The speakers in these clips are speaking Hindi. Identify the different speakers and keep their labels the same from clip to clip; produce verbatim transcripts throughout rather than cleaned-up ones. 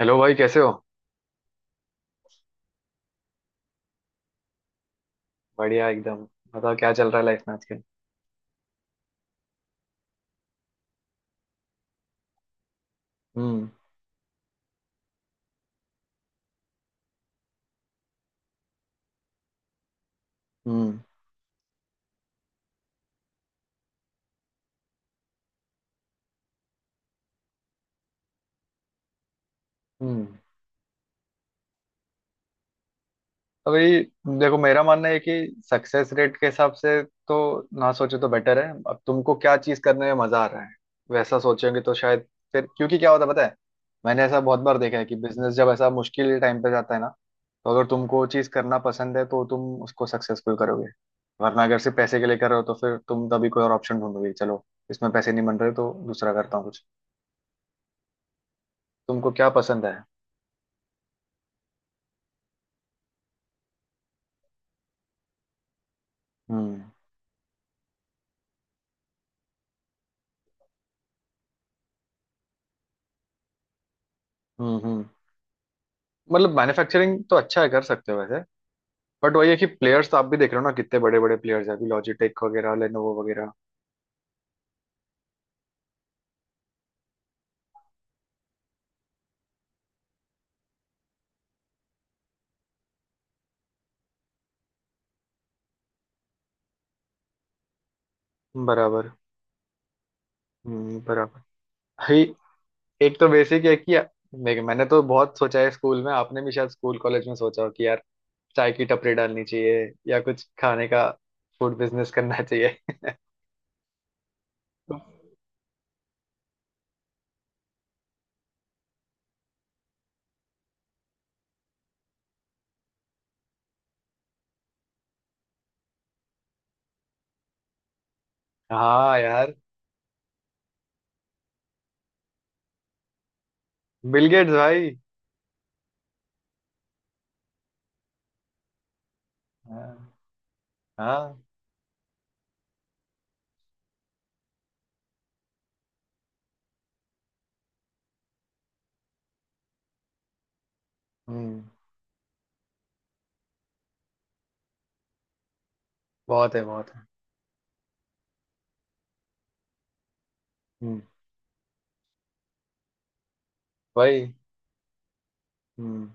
Speaker 1: हेलो भाई, कैसे हो? बढ़िया एकदम। बताओ क्या चल रहा है लाइफ में आजकल? हम्म। हम्म। हम्म। अभी। देखो, मेरा मानना है कि सक्सेस रेट के हिसाब से तो ना सोचो तो बेटर है। अब तुमको क्या चीज करने में मजा आ रहा है, वैसा सोचोगे तो शायद। फिर, क्योंकि क्या होता है पता है, मैंने ऐसा बहुत बार देखा है कि बिजनेस जब ऐसा मुश्किल टाइम पे जाता है ना, तो अगर तुमको चीज करना पसंद है तो तुम उसको सक्सेसफुल करोगे। वरना अगर सिर्फ पैसे के लिए कर रहे हो तो फिर तुम तभी कोई और ऑप्शन ढूंढोगे। चलो, इसमें पैसे नहीं बन रहे तो दूसरा करता हूँ कुछ। तुमको क्या पसंद है? हम्म। हम्म। हम्म। मतलब मैन्युफैक्चरिंग तो अच्छा है, कर सकते हो वैसे। बट वही है कि प्लेयर्स तो आप भी देख रहे हो ना, कितने बड़े बड़े प्लेयर्स हैं अभी लॉजिटेक वगैरह, लेनोवो वगैरह। बराबर। हम्म, बराबर। भाई, एक तो बेसिक है कि देख, मैंने तो बहुत सोचा है स्कूल में। आपने भी शायद स्कूल कॉलेज में सोचा हो कि यार चाय की टपरी डालनी चाहिए, या कुछ खाने का फूड बिजनेस करना चाहिए। हाँ यार, बिल गेट्स भाई। हाँ, हाँ। हम्म। बहुत है, बहुत है। हम्म। भाई। हम्म।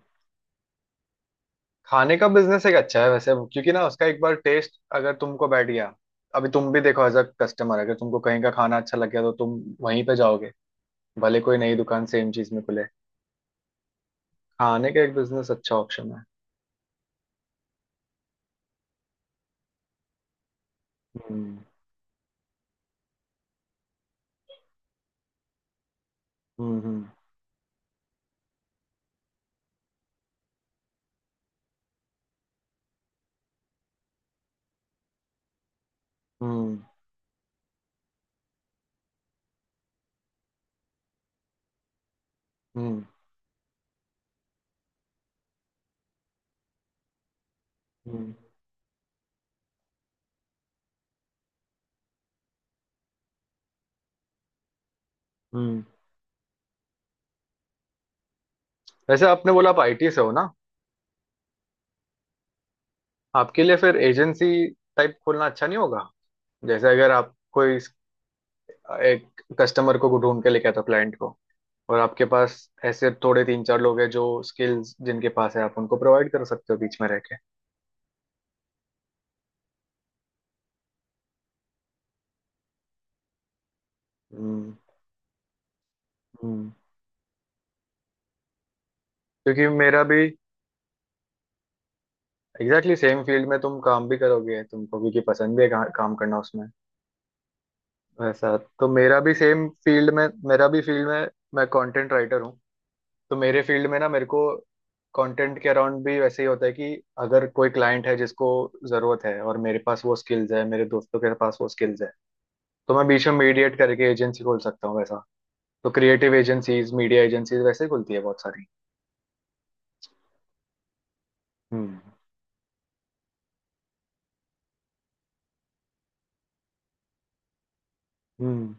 Speaker 1: खाने का बिजनेस एक अच्छा है वैसे, क्योंकि ना उसका एक बार टेस्ट अगर तुमको बैठ गया। अभी तुम भी देखो, एज अ कस्टमर अगर तुमको कहीं का खाना अच्छा लग गया तो तुम वहीं पे जाओगे, भले कोई नई दुकान सेम चीज में खुले। खाने का एक बिजनेस अच्छा ऑप्शन है। हम्म। हम्म। हम्म। हम्म। हम्म। हम्म, हम्म। वैसे आपने बोला आप आई टी से हो ना? आपके लिए फिर एजेंसी टाइप खोलना अच्छा नहीं होगा? जैसे अगर आप कोई एक कस्टमर को ढूंढ के लेके आता क्लाइंट को, और आपके पास ऐसे थोड़े तीन चार लोग हैं जो स्किल्स जिनके पास है, आप उनको प्रोवाइड कर सकते हो बीच में रह के। हम्म। हम्म। क्योंकि मेरा भी एग्जैक्टली सेम फील्ड में, तुम काम भी करोगे, तुमको भी कि पसंद भी है का, काम करना उसमें। वैसा तो मेरा भी सेम फील्ड में, मेरा भी फील्ड में, मैं कंटेंट राइटर हूँ। तो मेरे फील्ड में ना, मेरे को कंटेंट के अराउंड भी वैसे ही होता है कि अगर कोई क्लाइंट है जिसको ज़रूरत है और मेरे पास वो स्किल्स है, मेरे दोस्तों के पास वो स्किल्स है, तो मैं बीच में मीडिएट करके एजेंसी खोल सकता हूँ वैसा। तो क्रिएटिव एजेंसीज, मीडिया एजेंसीज वैसे खुलती है बहुत सारी। हम्म। हम्म।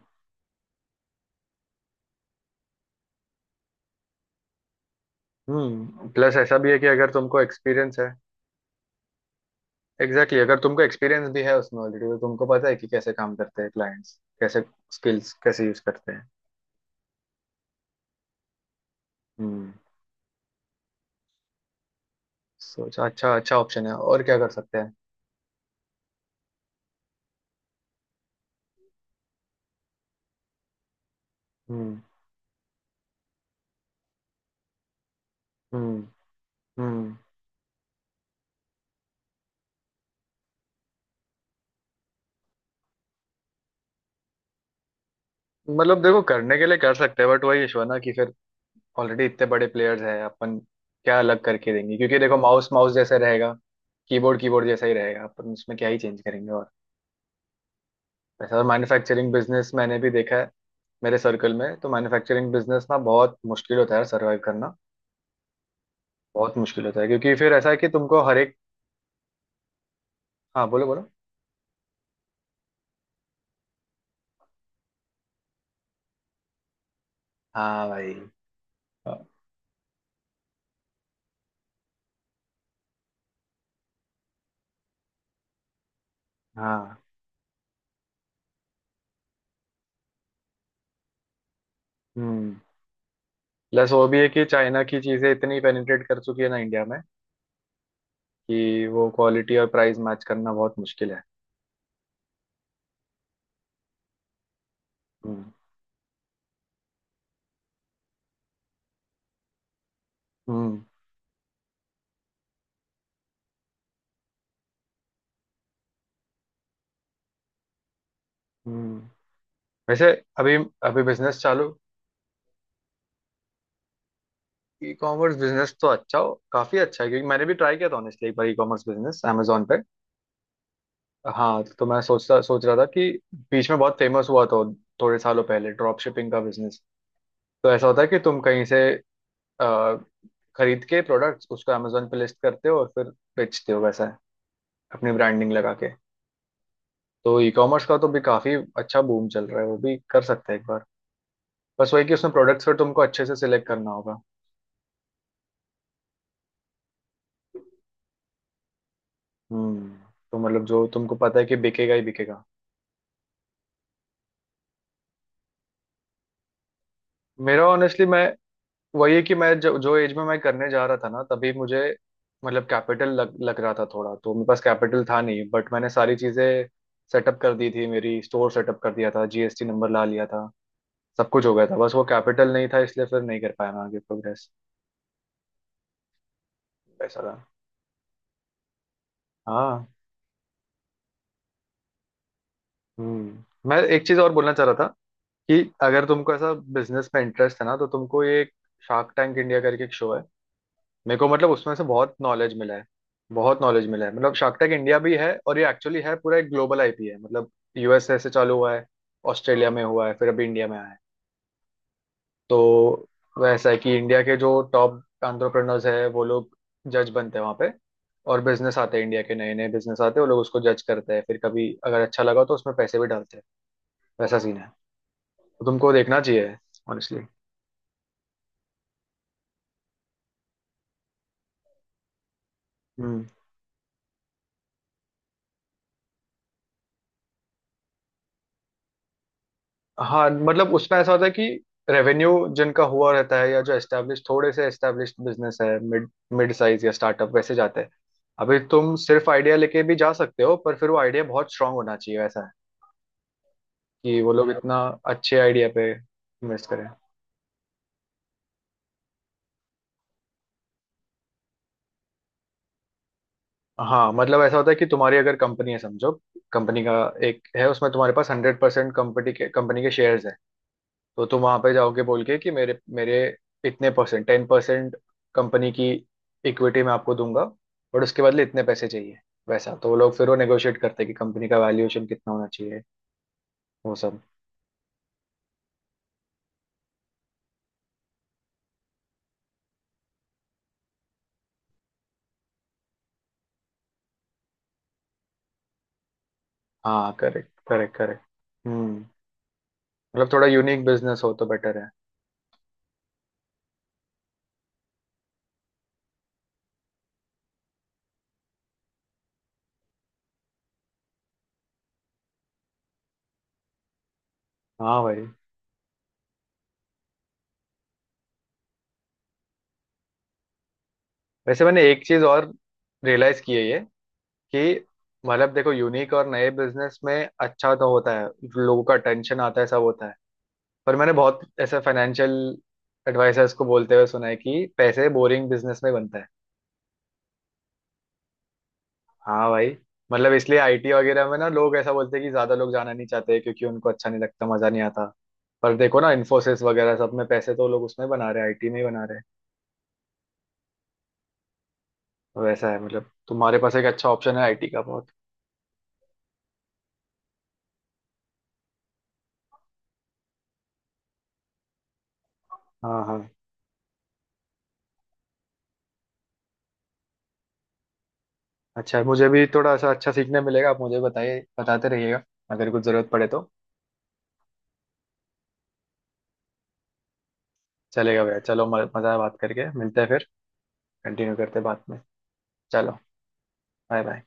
Speaker 1: हम्म। प्लस ऐसा भी है कि अगर तुमको एक्सपीरियंस है। एग्जैक्टली exactly, अगर तुमको एक्सपीरियंस भी है उसमें ऑलरेडी, तो तुमको पता है कि कैसे काम करते हैं क्लाइंट्स, कैसे स्किल्स कैसे यूज करते हैं। हम्म। सोचा, अच्छा, अच्छा ऑप्शन है और क्या कर सकते हैं। हम्म। हम्म। हम्म। मतलब देखो, करने के लिए कर सकते हैं बट वही इशू है ना कि फिर ऑलरेडी इतने बड़े प्लेयर्स हैं, अपन क्या अलग करके देंगे? क्योंकि देखो, माउस माउस जैसे रहेगा, कीबोर्ड कीबोर्ड जैसा ही रहेगा, अपन उसमें क्या ही चेंज करेंगे। और वैसे, और मैन्युफैक्चरिंग बिजनेस मैंने भी देखा है मेरे सर्कल में, तो मैन्युफैक्चरिंग बिजनेस ना बहुत मुश्किल होता है सर्वाइव करना। बहुत मुश्किल होता है क्योंकि फिर ऐसा है कि तुमको हर एक। हाँ, बोलो बोलो। हाँ भाई। हाँ, हाँ, हम्म। प्लस वो भी है कि चाइना की चीजें इतनी पेनिट्रेट कर चुकी है ना इंडिया में, कि वो क्वालिटी और प्राइस मैच करना बहुत मुश्किल है। हम्म। हम्म। हम्म। वैसे अभी, अभी बिजनेस चालू। ई कॉमर्स बिजनेस तो अच्छा हो, काफी अच्छा है क्योंकि मैंने भी ट्राई किया था ऑनेस्टली एक बार ई कॉमर्स बिजनेस Amazon पे। हाँ, तो मैं सोचता सोच रहा था कि बीच में बहुत फेमस हुआ था थोड़े सालों पहले ड्रॉप शिपिंग का बिजनेस। तो ऐसा होता है कि तुम कहीं से अ, खरीद के प्रोडक्ट्स, उसको Amazon पे लिस्ट करते हो और फिर बेचते हो वैसा है, अपनी ब्रांडिंग लगा के। तो ई कॉमर्स का तो भी काफी अच्छा बूम चल रहा है, वो भी कर सकते हैं एक बार। बस वही कि उसमें प्रोडक्ट्स फिर तुमको अच्छे से सिलेक्ट करना होगा। हम्म, तो मतलब जो तुमको पता है कि बिकेगा ही बिकेगा। मेरा ऑनेस्टली, मैं वही है कि मैं जो जो एज में मैं करने जा रहा था ना, तभी मुझे मतलब कैपिटल लग लग रहा था थोड़ा, तो मेरे पास कैपिटल था नहीं। बट मैंने सारी चीजें सेटअप कर दी थी, मेरी स्टोर सेटअप कर दिया था, जी एस टी नंबर ला लिया था, सब कुछ हो गया था, बस वो कैपिटल नहीं था, इसलिए फिर नहीं कर पाया मैं आगे प्रोग्रेस। ऐसा था। हाँ। हम्म, मैं एक चीज और बोलना चाह रहा था कि अगर तुमको ऐसा बिजनेस में इंटरेस्ट है ना, तो तुमको ये शार्क टैंक इंडिया करके एक शो है, मेरे को मतलब उसमें से बहुत नॉलेज मिला है। बहुत नॉलेज मिला है। मतलब शार्क टैंक इंडिया भी है, और ये एक्चुअली है पूरा एक ग्लोबल आई पी है मतलब। यू एस ए से चालू हुआ है, ऑस्ट्रेलिया में हुआ है, फिर अभी इंडिया में आया है। तो वैसा है कि इंडिया के जो टॉप एंटरप्रेन्योर्स है, वो लोग जज बनते हैं वहाँ पे, और बिजनेस आते हैं इंडिया के, नए नए बिजनेस आते हैं, वो लोग उसको जज करते हैं, फिर कभी अगर अच्छा लगा तो उसमें पैसे भी डालते हैं। वैसा सीन है। तो तुमको देखना चाहिए ऑनेस्टली। हाँ, मतलब उसमें ऐसा होता है कि रेवेन्यू जिनका हुआ रहता है, या जो एस्टेब्लिश, थोड़े से एस्टेब्लिश बिजनेस है, मिड मिड साइज या स्टार्टअप वैसे जाते हैं। अभी तुम सिर्फ आइडिया लेके भी जा सकते हो, पर फिर वो आइडिया बहुत स्ट्रांग होना चाहिए, वैसा है कि वो लोग इतना अच्छे आइडिया पे इन्वेस्ट करें। हाँ, मतलब ऐसा होता है कि तुम्हारी अगर कंपनी है समझो, कंपनी का एक है, उसमें तुम्हारे पास हंड्रेड परसेंट कंपनी के कंपनी के शेयर्स। तो तुम वहां पे जाओगे बोल के कि मेरे मेरे इतने परसेंट, टेन परसेंट कंपनी की इक्विटी मैं आपको दूंगा, बट उसके बदले इतने पैसे चाहिए वैसा। तो वो लोग फिर वो नेगोशिएट करते हैं कि कंपनी का वैल्यूएशन कितना होना चाहिए, वो सब। हाँ, करेक्ट, करेक्ट, करेक्ट। हम्म, मतलब थोड़ा यूनिक बिजनेस हो तो बेटर है। हाँ भाई। वैसे मैंने एक चीज और रियलाइज की है ये कि मतलब देखो, यूनिक और नए बिजनेस में अच्छा तो होता है, लोगों का टेंशन आता है, सब होता है, पर मैंने बहुत ऐसे फाइनेंशियल एडवाइजर्स को बोलते हुए सुना है कि पैसे बोरिंग बिजनेस में बनता है। हाँ भाई। मतलब इसलिए आई टी वगैरह में ना लोग ऐसा बोलते हैं कि ज्यादा लोग जाना नहीं चाहते, क्योंकि उनको अच्छा नहीं लगता, मजा नहीं आता। पर देखो ना, इन्फोसिस वगैरह सब में पैसे तो लोग उसमें बना रहे हैं, आई टी में ही बना रहे हैं। तो ऐसा है, मतलब तुम्हारे पास एक अच्छा ऑप्शन है आई टी का, बहुत। हाँ, हाँ। अच्छा, मुझे भी थोड़ा सा अच्छा सीखने मिलेगा, आप मुझे बताइए, बताते रहिएगा अगर कुछ जरूरत पड़े तो। चलेगा भैया, चलो म- मजा आया बात करके, मिलते हैं फिर, कंटिन्यू करते हैं बाद में। चलो। Bye, bye.